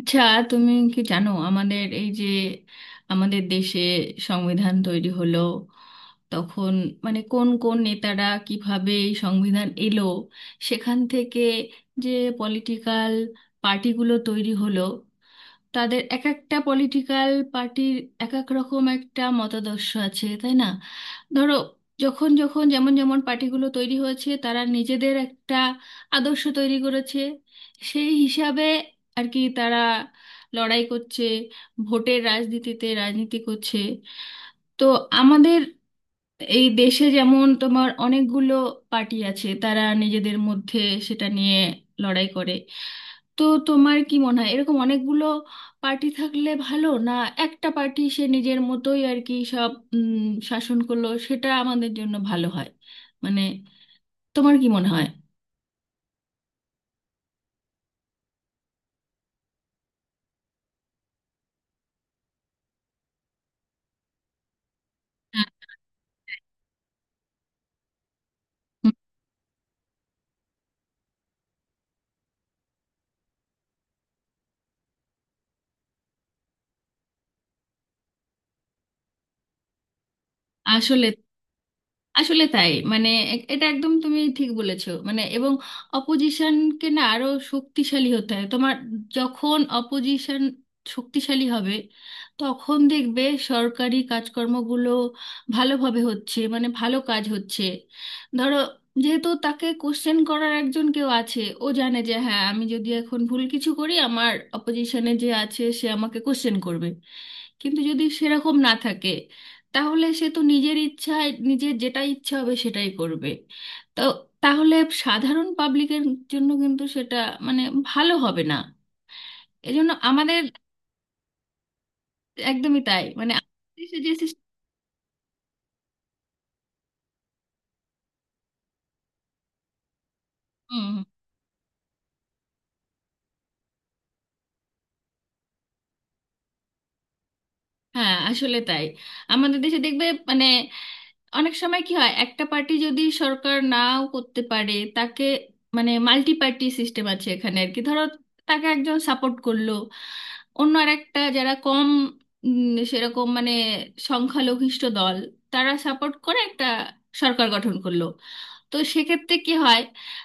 আচ্ছা, তুমি কি জানো আমাদের এই যে আমাদের দেশে সংবিধান তৈরি হলো তখন মানে কোন কোন নেতারা কিভাবে এই সংবিধান এলো, সেখান থেকে যে পলিটিক্যাল পার্টিগুলো তৈরি হলো, তাদের এক একটা পলিটিক্যাল পার্টির এক এক রকম একটা মতাদর্শ আছে, তাই না? ধরো, যখন যখন যেমন যেমন পার্টিগুলো তৈরি হয়েছে তারা নিজেদের একটা আদর্শ তৈরি করেছে, সেই হিসাবে আর কি তারা লড়াই করছে, ভোটের রাজনীতিতে রাজনীতি করছে। তো আমাদের এই দেশে যেমন তোমার অনেকগুলো পার্টি আছে, তারা নিজেদের মধ্যে সেটা নিয়ে লড়াই করে। তো তোমার কি মনে হয় এরকম অনেকগুলো পার্টি থাকলে ভালো, না একটা পার্টি সে নিজের মতোই আর কি সব শাসন করলো সেটা আমাদের জন্য ভালো হয়? মানে তোমার কি মনে হয়? হ্যাঁ, আসলে আসলে তাই মানে এটা একদম তুমি ঠিক বলেছো, মানে এবং অপোজিশনকে না আরো শক্তিশালী হতে হয়। তোমার যখন অপোজিশন শক্তিশালী হবে তখন দেখবে সরকারি কাজকর্মগুলো ভালোভাবে হচ্ছে, মানে ভালো কাজ হচ্ছে। ধরো, যেহেতু তাকে কোশ্চেন করার একজন কেউ আছে, ও জানে যে হ্যাঁ আমি যদি এখন ভুল কিছু করি আমার অপোজিশনে যে আছে সে আমাকে কোশ্চেন করবে। কিন্তু যদি সেরকম না থাকে তাহলে সে তো নিজের ইচ্ছায় নিজের যেটা ইচ্ছা হবে সেটাই করবে। তো তাহলে সাধারণ পাবলিকের জন্য কিন্তু সেটা মানে ভালো হবে না। এজন্য আমাদের একদমই তাই, মানে আমাদের দেশে যে system-। হুম, হ্যাঁ, আসলে তাই। আমাদের দেশে দেখবে মানে অনেক সময় কি হয়, একটা পার্টি যদি সরকার নাও করতে পারে তাকে মানে মাল্টি পার্টি সিস্টেম আছে এখানে আর কি। ধরো, তাকে একজন সাপোর্ট করলো, অন্য আরেকটা যারা কম সেরকম মানে সংখ্যালঘিষ্ঠ দল তারা সাপোর্ট করে একটা সরকার গঠন করলো। তো সেক্ষেত্রে কি হয়,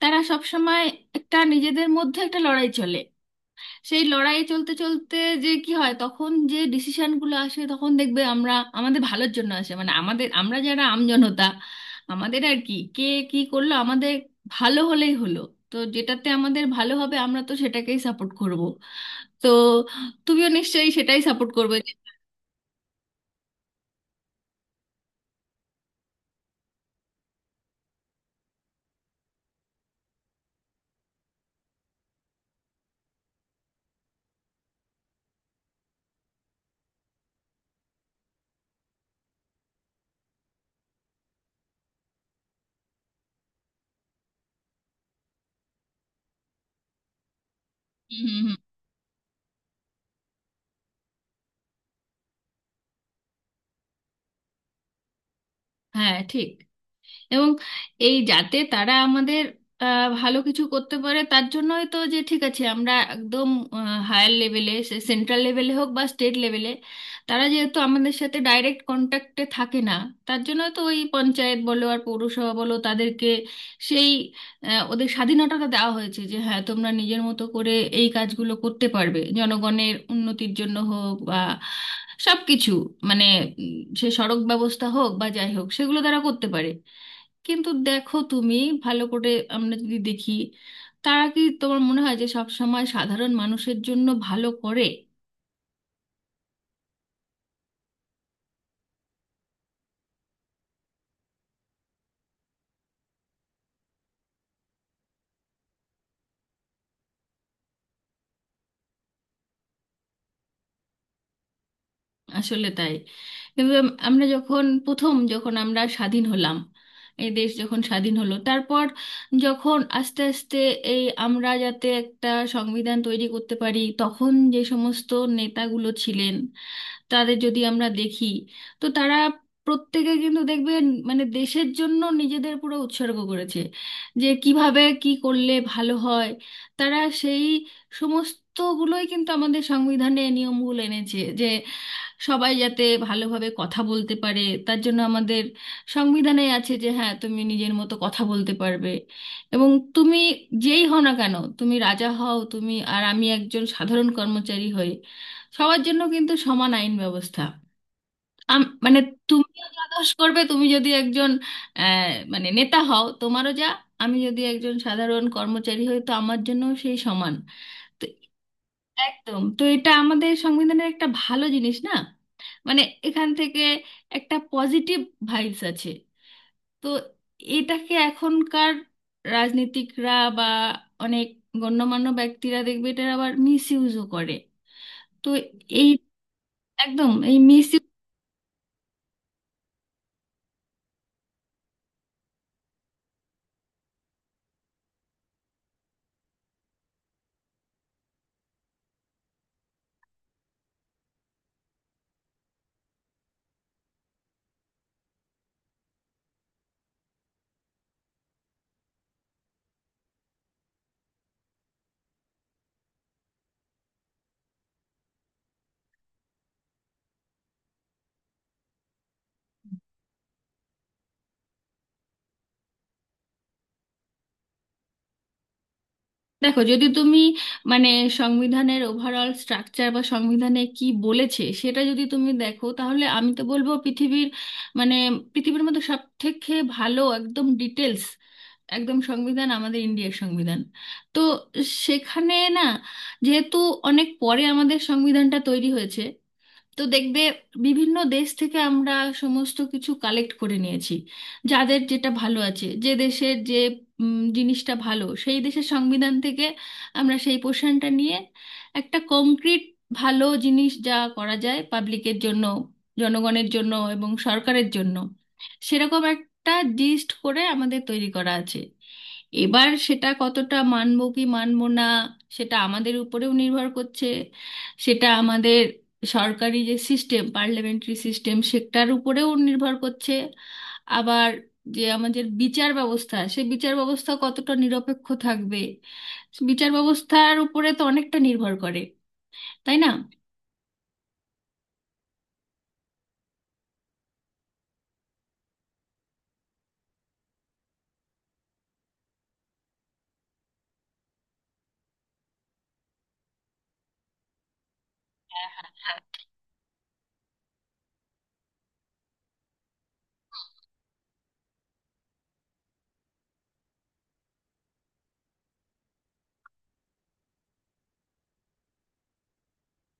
তারা সব সময় একটা নিজেদের মধ্যে একটা লড়াই চলে। সেই লড়াই চলতে চলতে যে কি হয়, তখন যে ডিসিশনগুলো আসে তখন দেখবে আমরা আমাদের ভালোর জন্য আসে মানে আমাদের, আমরা যারা আমজনতা, আমাদের আর কি কে কি করলো, আমাদের ভালো হলেই হলো। তো যেটাতে আমাদের ভালো হবে আমরা তো সেটাকেই সাপোর্ট করব। তো তুমিও নিশ্চয়ই সেটাই সাপোর্ট করবে যে। হুম হুম হুম। হ্যাঁ ঠিক। এবং এই যাতে তারা আমাদের ভালো কিছু করতে পারে তার জন্যই তো যে ঠিক আছে আমরা একদম হায়ার লেভেলে সে সেন্ট্রাল লেভেলে হোক বা স্টেট লেভেলে তারা যেহেতু আমাদের সাথে ডাইরেক্ট কন্ট্যাক্টে থাকে না, তার জন্য তো ওই পঞ্চায়েত বলো আর পৌরসভা বলো তাদেরকে সেই ওদের স্বাধীনতাটা দেওয়া হয়েছে যে হ্যাঁ তোমরা নিজের মতো করে এই কাজগুলো করতে পারবে জনগণের উন্নতির জন্য হোক বা সব কিছু মানে সে সড়ক ব্যবস্থা হোক বা যাই হোক সেগুলো তারা করতে পারে। কিন্তু দেখো তুমি ভালো করে আমরা যদি দেখি তারা কি তোমার মনে হয় যে সব সময় সাধারণ মানুষের জন্য ভালো করে? আসলে তাই। কিন্তু আমরা যখন প্রথম যখন আমরা স্বাধীন হলাম, এই দেশ যখন স্বাধীন হলো তারপর যখন আস্তে আস্তে এই আমরা যাতে একটা সংবিধান তৈরি করতে পারি তখন যে সমস্ত নেতাগুলো ছিলেন তাদের যদি আমরা দেখি, তো তারা প্রত্যেকে কিন্তু দেখবেন মানে দেশের জন্য নিজেদের পুরো উৎসর্গ করেছে যে কিভাবে কি করলে ভালো হয়। তারা সেই সমস্তগুলোই কিন্তু আমাদের সংবিধানে নিয়মগুলো এনেছে যে সবাই যাতে ভালোভাবে কথা বলতে পারে, তার জন্য আমাদের সংবিধানে আছে যে হ্যাঁ তুমি নিজের মতো কথা বলতে পারবে। এবং তুমি যেই হও না কেন, তুমি রাজা হও, তুমি আর আমি একজন সাধারণ কর্মচারী হই, সবার জন্য কিন্তু সমান আইন ব্যবস্থা। মানে তুমিও যা দোষ করবে, তুমি যদি একজন আহ, মানে নেতা হও তোমারও যা, আমি যদি একজন সাধারণ কর্মচারী হই তো আমার জন্য সেই সমান। তো একদম, তো এটা আমাদের সংবিধানের একটা ভালো জিনিস না মানে এখান থেকে একটা পজিটিভ ভাইবস আছে। তো এটাকে এখনকার রাজনীতিকরা বা অনেক গণ্যমান্য ব্যক্তিরা দেখবে এটা আবার মিস ইউজও করে। তো এই একদম এই মিস। দেখো যদি তুমি মানে সংবিধানের ওভারঅল স্ট্রাকচার বা সংবিধানে কি বলেছে সেটা যদি তুমি দেখো তাহলে আমি তো বলবো পৃথিবীর মানে পৃথিবীর মধ্যে সব থেকে ভালো একদম ডিটেলস একদম সংবিধান আমাদের ইন্ডিয়ার সংবিধান। তো সেখানে না যেহেতু অনেক পরে আমাদের সংবিধানটা তৈরি হয়েছে, তো দেখবে বিভিন্ন দেশ থেকে আমরা সমস্ত কিছু কালেক্ট করে নিয়েছি। যাদের যেটা ভালো আছে, যে দেশের যে জিনিসটা ভালো সেই দেশের সংবিধান থেকে আমরা সেই পোর্শনটা নিয়ে একটা কংক্রিট ভালো জিনিস যা করা যায় পাবলিকের জন্য, জনগণের জন্য এবং সরকারের জন্য, সেরকম একটা লিস্ট করে আমাদের তৈরি করা আছে। এবার সেটা কতটা মানব কি মানব না সেটা আমাদের উপরেও নির্ভর করছে। সেটা আমাদের সরকারি যে সিস্টেম, পার্লামেন্টারি সিস্টেম সেটার উপরেও নির্ভর করছে। আবার যে আমাদের বিচার ব্যবস্থা, সে বিচার ব্যবস্থা কতটা নিরপেক্ষ থাকবে, বিচার ব্যবস্থার উপরে তো অনেকটা নির্ভর করে, তাই না? হ্যাঁ হ্যাঁ হ্যাঁ।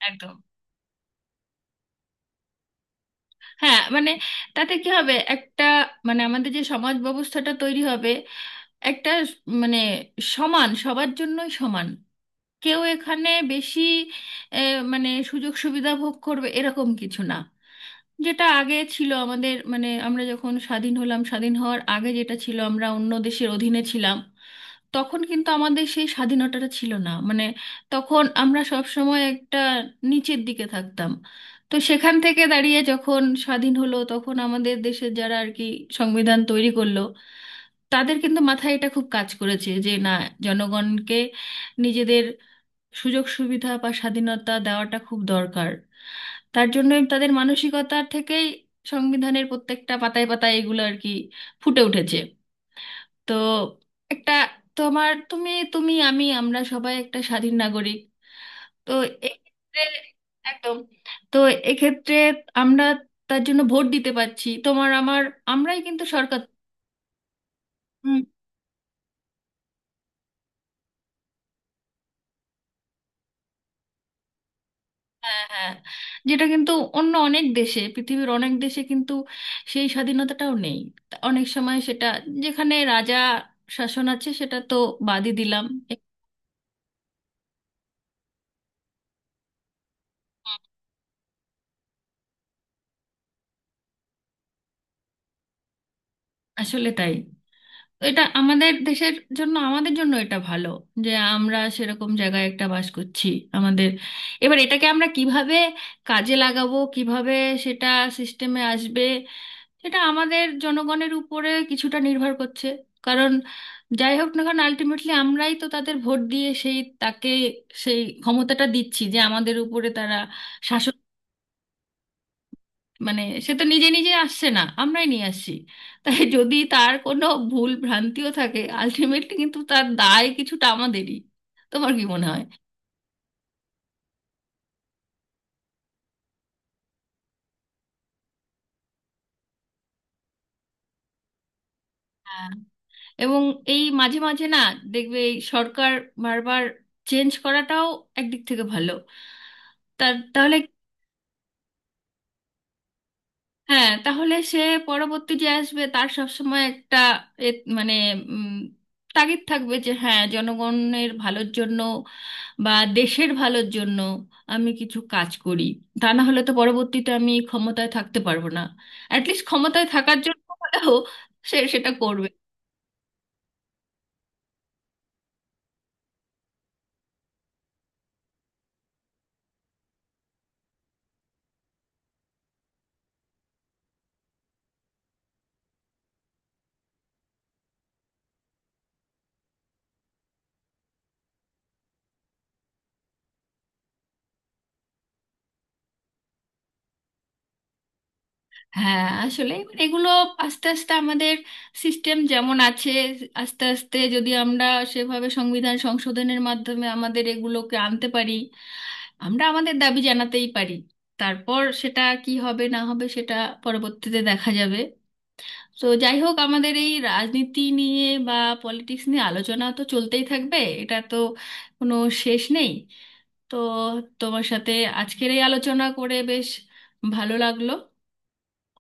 একদম। হ্যাঁ মানে তাতে কি হবে, একটা মানে আমাদের যে সমাজ ব্যবস্থাটা তৈরি হবে একটা মানে সমান, সবার জন্যই সমান। কেউ এখানে বেশি এ, মানে সুযোগ সুবিধা ভোগ করবে এরকম কিছু না, যেটা আগে ছিল আমাদের মানে আমরা যখন স্বাধীন হলাম, স্বাধীন হওয়ার আগে যেটা ছিল আমরা অন্য দেশের অধীনে ছিলাম তখন কিন্তু আমাদের সেই স্বাধীনতাটা ছিল না, মানে তখন আমরা সব সময় একটা নিচের দিকে থাকতাম। তো সেখান থেকে দাঁড়িয়ে যখন স্বাধীন হলো তখন আমাদের দেশের যারা আর কি সংবিধান তৈরি করলো, তাদের কিন্তু মাথায় এটা খুব কাজ করেছে যে না, জনগণকে নিজেদের সুযোগ সুবিধা বা স্বাধীনতা দেওয়াটা খুব দরকার। তার জন্য তাদের মানসিকতা থেকেই সংবিধানের প্রত্যেকটা পাতায় পাতায় এগুলো আর কি ফুটে উঠেছে। তো একটা তোমার তুমি তুমি আমি আমরা সবাই একটা স্বাধীন নাগরিক। তো এক্ষেত্রে একদম। তো এক্ষেত্রে আমরা তার জন্য ভোট দিতে পারছি, তোমার আমার, আমরাই কিন্তু সরকার। হ্যাঁ হ্যাঁ। যেটা কিন্তু অন্য অনেক দেশে, পৃথিবীর অনেক দেশে কিন্তু সেই স্বাধীনতাটাও নেই। তা অনেক সময় সেটা যেখানে রাজা শাসন আছে সেটা তো বাদই দিলাম। এ- আসলে তাই। তো এটা আমাদের দেশের জন্য, আমাদের জন্য এটা ভালো যে আমরা সেরকম জায়গায় একটা বাস করছি। আমাদের এবার এটাকে আমরা কিভাবে কাজে লাগাবো, কিভাবে সেটা সিস্টেমে আসবে, এটা আমাদের জনগণের উপরে কিছুটা নির্ভর করছে। কারণ যাই হোক না কারণ আলটিমেটলি আমরাই তো তাদের ভোট দিয়ে সেই তাকে সেই ক্ষমতাটা দিচ্ছি যে আমাদের উপরে তারা শাসন, মানে সে তো নিজে নিজে আসছে না, আমরাই নিয়ে আসছি। তাই যদি তার কোনো ভুল ভ্রান্তিও থাকে আলটিমেটলি কিন্তু তার দায় কিছুটা আমাদেরই। তোমার কি মনে হয়? হ্যাঁ। এবং এই মাঝে মাঝে না দেখবে এই সরকার বারবার চেঞ্জ করাটাও একদিক থেকে ভালো। তার তাহলে, হ্যাঁ, তাহলে সে পরবর্তী যে আসবে তার সবসময় একটা এ মানে উম, তাগিদ থাকবে যে হ্যাঁ জনগণের ভালোর জন্য বা দেশের ভালোর জন্য আমি কিছু কাজ করি, তা না হলে তো পরবর্তীতে আমি ক্ষমতায় থাকতে পারবো না। অ্যাটলিস্ট ক্ষমতায় থাকার জন্য হলেও সে সেটা করবে। হ্যাঁ আসলে এবার এগুলো আস্তে আস্তে আমাদের সিস্টেম যেমন আছে আস্তে আস্তে যদি আমরা সেভাবে সংবিধান সংশোধনের মাধ্যমে আমাদের এগুলোকে আনতে পারি, আমরা আমাদের দাবি জানাতেই পারি। তারপর সেটা কি হবে না হবে সেটা পরবর্তীতে দেখা যাবে। তো যাই হোক, আমাদের এই রাজনীতি নিয়ে বা পলিটিক্স নিয়ে আলোচনা তো চলতেই থাকবে, এটা তো কোনো শেষ নেই। তো তোমার সাথে আজকের এই আলোচনা করে বেশ ভালো লাগলো।